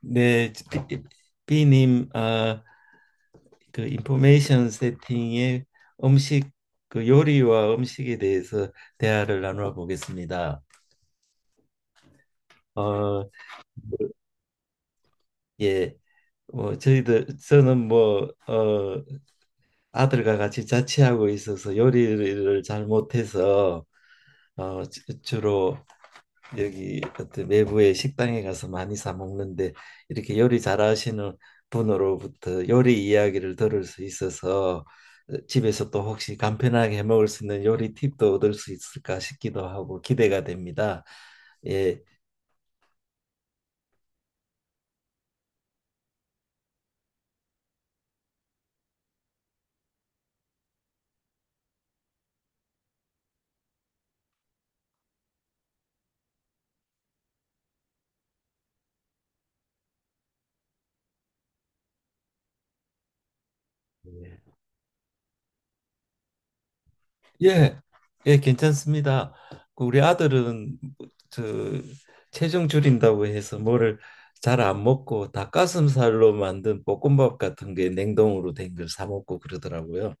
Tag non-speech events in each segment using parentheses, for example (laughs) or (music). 네, 비, 비님. 그 인포메이션 세팅의 음식, 그 요리와 음식에 대해서 대화를 나누어 보겠습니다. 어, 예. 뭐 저희들 저는 뭐 아들과 같이 자취하고 있어서 요리를 잘 못해서 주로 여기 어떤 외부의 식당에 가서 많이 사 먹는데, 이렇게 요리 잘하시는 분으로부터 요리 이야기를 들을 수 있어서 집에서 또 혹시 간편하게 해 먹을 수 있는 요리 팁도 얻을 수 있을까 싶기도 하고 기대가 됩니다. 예. 예. 예, 예, 괜찮습니다. 그 우리 아들은 저 체중 줄인다고 해서 뭐를 잘 안 먹고 닭가슴살로 만든 볶음밥 같은 게 냉동으로 된 걸 사 먹고 그러더라고요.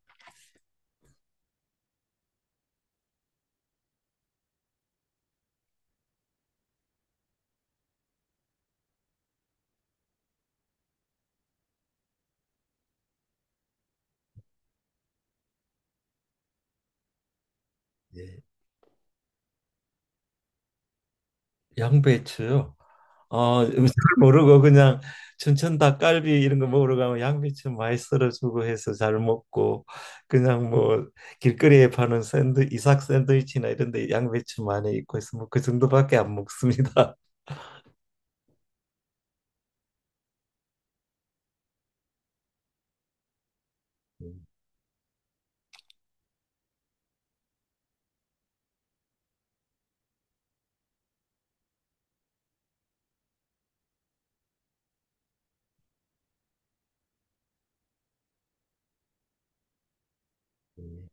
예. 양배추요. 잘 모르고 그냥 춘천 닭갈비 이런 거 먹으러 가면 양배추 많이 썰어주고 해서 잘 먹고, 그냥 뭐 길거리에 파는 샌드 이삭 샌드위치나 이런 데 양배추 많이 있고 해서 뭐 그 정도밖에 안 먹습니다. 음. 음.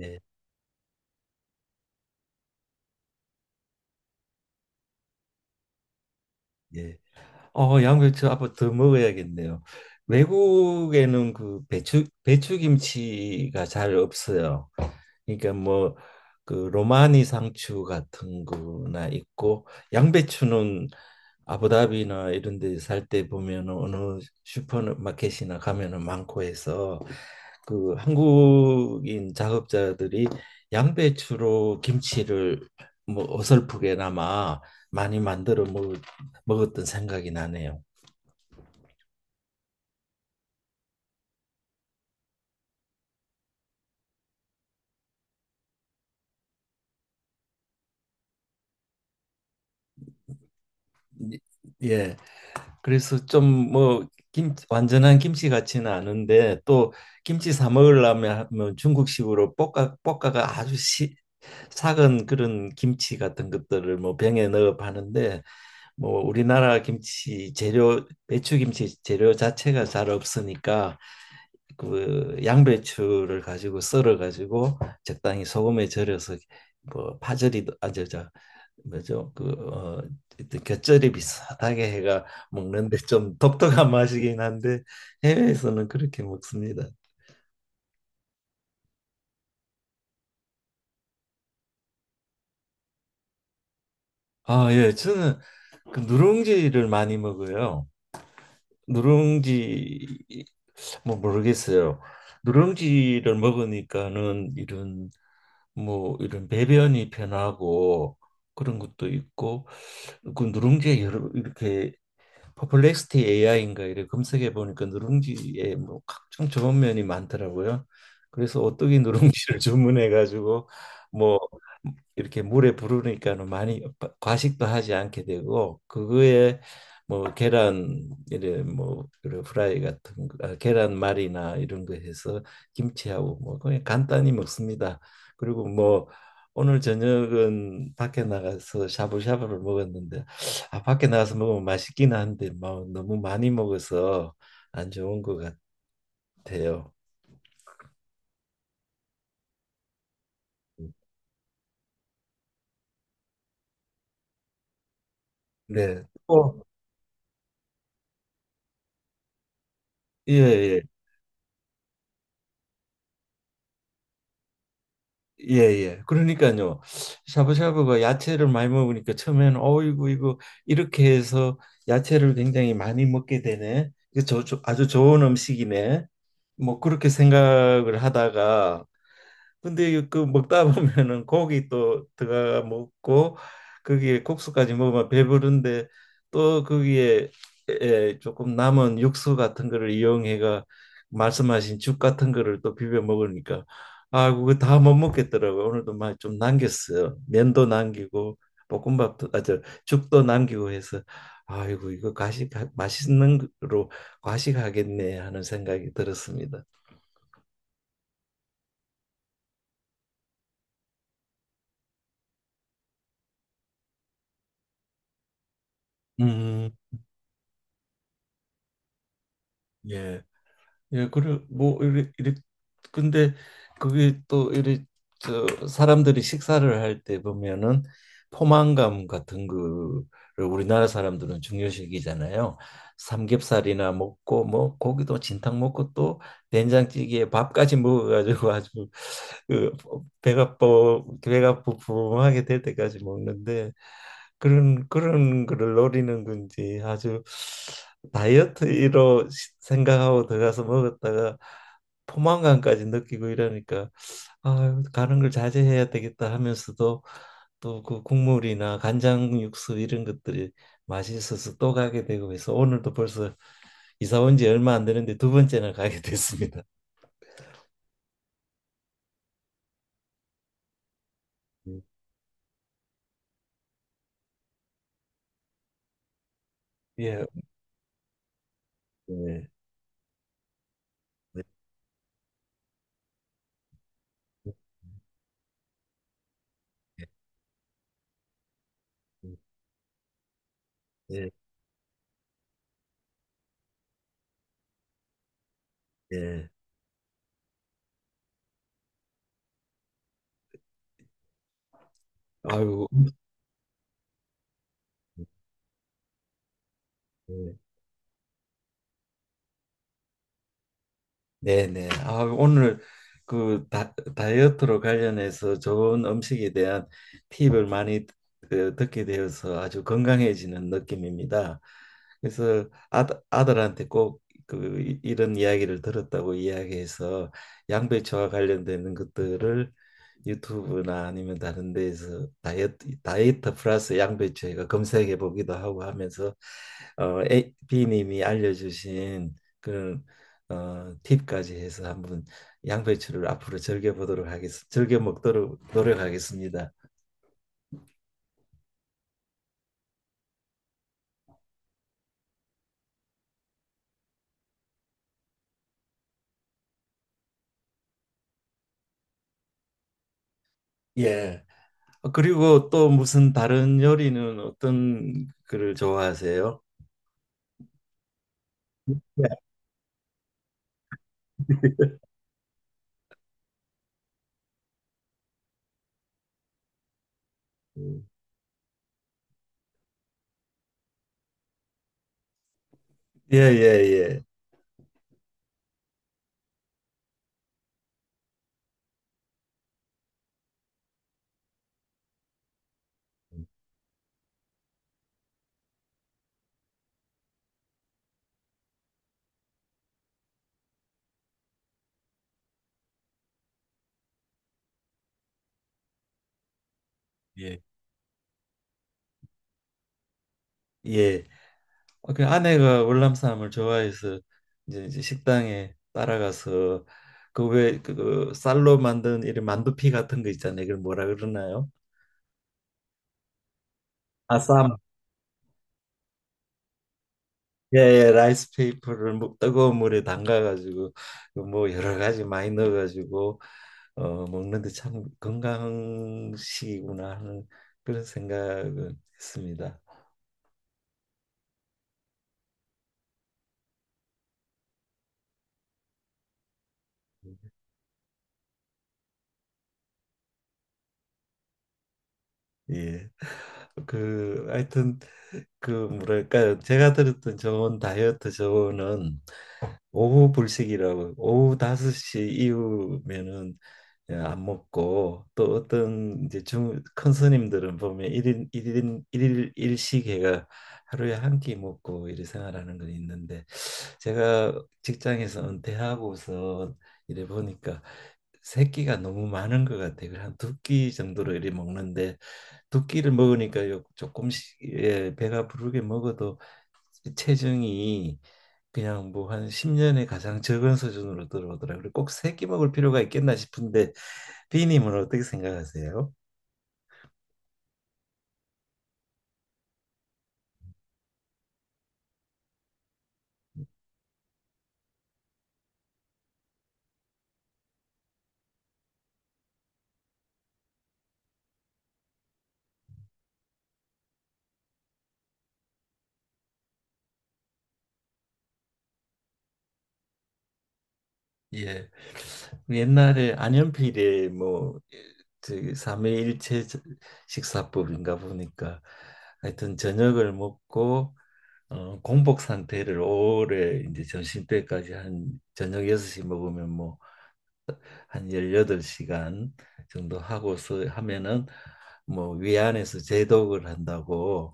네. 예. 양배추 앞으로 더 먹어야겠네요. 외국에는 그 배추김치가 잘 없어요. 그러니까 뭐 그 로마니 상추 같은 거나 있고, 양배추는 아부다비나 이런 데 살 때 보면은 어느 슈퍼마켓이나 가면은 많고 해서 그 한국인 작업자들이 양배추로 김치를 뭐 어설프게나마 많이 먹었던 생각이 나네요. 예. 그래서 좀 뭐 김 완전한 김치 같지는 않은데 또 김치 사 먹으려면 뭐 중국식으로 볶아가 아주 삭은 그런 김치 같은 것들을 뭐 병에 넣어 파는데, 뭐 우리나라 김치 재료 배추김치 재료 자체가 잘 없으니까 그 양배추를 가지고 썰어 가지고 적당히 소금에 절여서 뭐 파절이도 아저저 뭐죠? 곁절이 비슷하게 해가 먹는데 좀 독특한 맛이긴 한데 해외에서는 그렇게 먹습니다. 아, 예. 저는 그 누룽지를 많이 먹어요. 누룽지 뭐 모르겠어요. 누룽지를 먹으니까는 이런 뭐 이런 배변이 편하고 그런 것도 있고, 그 누룽지에 여러 이렇게 퍼플렉스티 AI인가 이래 검색해 보니까 누룽지에 뭐 각종 좋은 면이 많더라고요. 그래서 오뚜기 누룽지를 (laughs) 주문해 가지고 뭐 이렇게 물에 부르니까는 많이 과식도 하지 않게 되고, 그거에 뭐 계란 이래 뭐 그런 프라이 같은 거, 아, 계란말이나 이런 거 해서 김치하고 뭐 그냥 간단히 먹습니다. 그리고 뭐 오늘 저녁은 밖에 나가서 샤브샤브를 먹었는데 아 밖에 나가서 먹으면 맛있긴 한데 뭐 너무 많이 먹어서 안 좋은 것 같아요. 음. 네. 어. 예, 예. 예예. 그러니까요. 샤브샤브가 야채를 많이 먹으니까 처음에는 어이구 이거 이렇게 해서 야채를 굉장히 많이 먹게 되네. 이거 아주 좋은 음식이네. 뭐 그렇게 생각을 하다가 근데 그 먹다 보면은 (laughs) 고기 또 들어가 먹고 거기에 국수까지 먹으면 배부른데 또 거기에 조금 남은 육수 같은 거를 이용해가 말씀하신 죽 같은 거를 또 비벼 먹으니까 아 그거 다 못 먹겠더라고요. 오늘도 많이 좀 남겼어요. 면도 남기고 볶음밥도 아저 죽도 남기고 해서 아이고 이거 과식 맛있는 거로 과식하겠네 하는 생각이 들었습니다. 음. 예. 예, 그래 뭐 이래 근데 그게 또 이래 저 사람들이 식사를 할 때 보면은 포만감 같은 거를 우리나라 사람들은 중요시 여기잖아요. 삼겹살이나 먹고 뭐 고기도 진탕 먹고 또 된장찌개에 밥까지 먹어가지고 (laughs) 아주 그 배가 부풀하게 될 때까지 먹는데 그런 거를 노리는 건지 아주 다이어트로 생각하고 들어가서 먹었다가 포만감까지 느끼고 이러니까 아, 가는 걸 자제해야 되겠다 하면서도 또 그 국물이나 간장 육수 이런 것들이 맛있어서 또 가게 되고 해서 오늘도 벌써 이사 온 지 얼마 안 되는데 두 번째나 가게 (laughs) 됐습니다. 예. 예. 예. 예. 예. 아유. 예. 네네. 아, 오늘 그 다이어트로 관련해서 좋은 음식에 대한 팁을 많이 듣게 되어서 아주 건강해지는 느낌입니다. 그래서 아, 아들한테 꼭 그 이런 이야기를 들었다고 이야기해서 양배추와 관련되는 것들을 유튜브나 아니면 다른 데에서 다이어트 플러스 양배추 해가 검색해 보기도 하고 하면서 B님이 알려주신 그런 팁까지 해서 한번 양배추를 앞으로 즐겨 보도록 하겠습니다. 즐겨 먹도록 노력하겠습니다. 예. 그리고 또 무슨 다른 요리는 어떤 거를 좋아하세요? 예, 예, 예. 예. 예. 예. 그 아내가 월남 쌈을 좋아해서 이제 식당에 따라가서 그 왜그 그 쌀로 만든 이런 만두피 같은 거 있잖아요. 이걸 뭐라 그러나요? 아쌈. 예, 예, 라이스 페이퍼를 뭐 뜨거운 물에 담가가지고 뭐 여러 가지 많이 넣어가지고 먹는데 참 건강식이구나 하는 그런 생각은 했습니다. 예. 그 하여튼 그 뭐랄까요? 제가 들었던 좋은 다이어트 조언은 오후 불식이라고 오후 5시 이후면은 예, 안 먹고 또 어떤 이제 중 큰 스님들은 보면 일인일인일일 일식회가 하루에 한 끼 먹고 이래 생활하는 건 있는데 제가 직장에서 은퇴하고서 이래 보니까 세 끼가 너무 많은 것 같아요. 한 두 끼 정도로 이래 먹는데 두 끼를 먹으니까 조금씩 예, 배가 부르게 먹어도 체중이 그냥 뭐 한 10년에 가장 적은 수준으로 들어오더라고요. 그리고 꼭 세끼 먹을 필요가 있겠나 싶은데 비님은 어떻게 생각하세요? 예. 옛날에 안현필의 뭐저 삼회일체 식사법인가 보니까 하여튼 저녁을 먹고 공복 상태를 오래 이제 점심때까지 한 저녁 6시 먹으면 뭐 한 18시간 정도 하고서 하면은 뭐 위안에서 제독을 한다고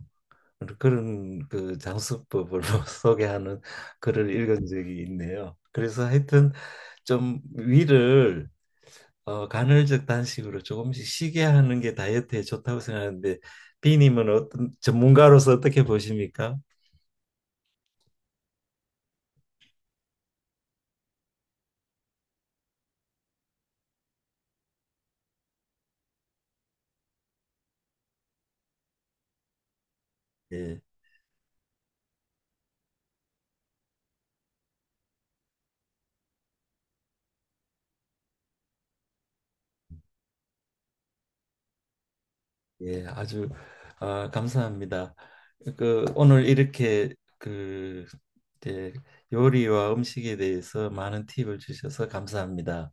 그런 그 장수법을 (laughs) 소개하는 글을 읽은 적이 있네요. 그래서 하여튼 좀 위를 간헐적 단식으로 조금씩 쉬게 하는 게 다이어트에 좋다고 생각하는데 비님은 어떤 전문가로서 어떻게 보십니까? 예. 예, 아주 아, 감사합니다. 그 오늘 이렇게 그 이제 요리와 음식에 대해서 많은 팁을 주셔서 감사합니다.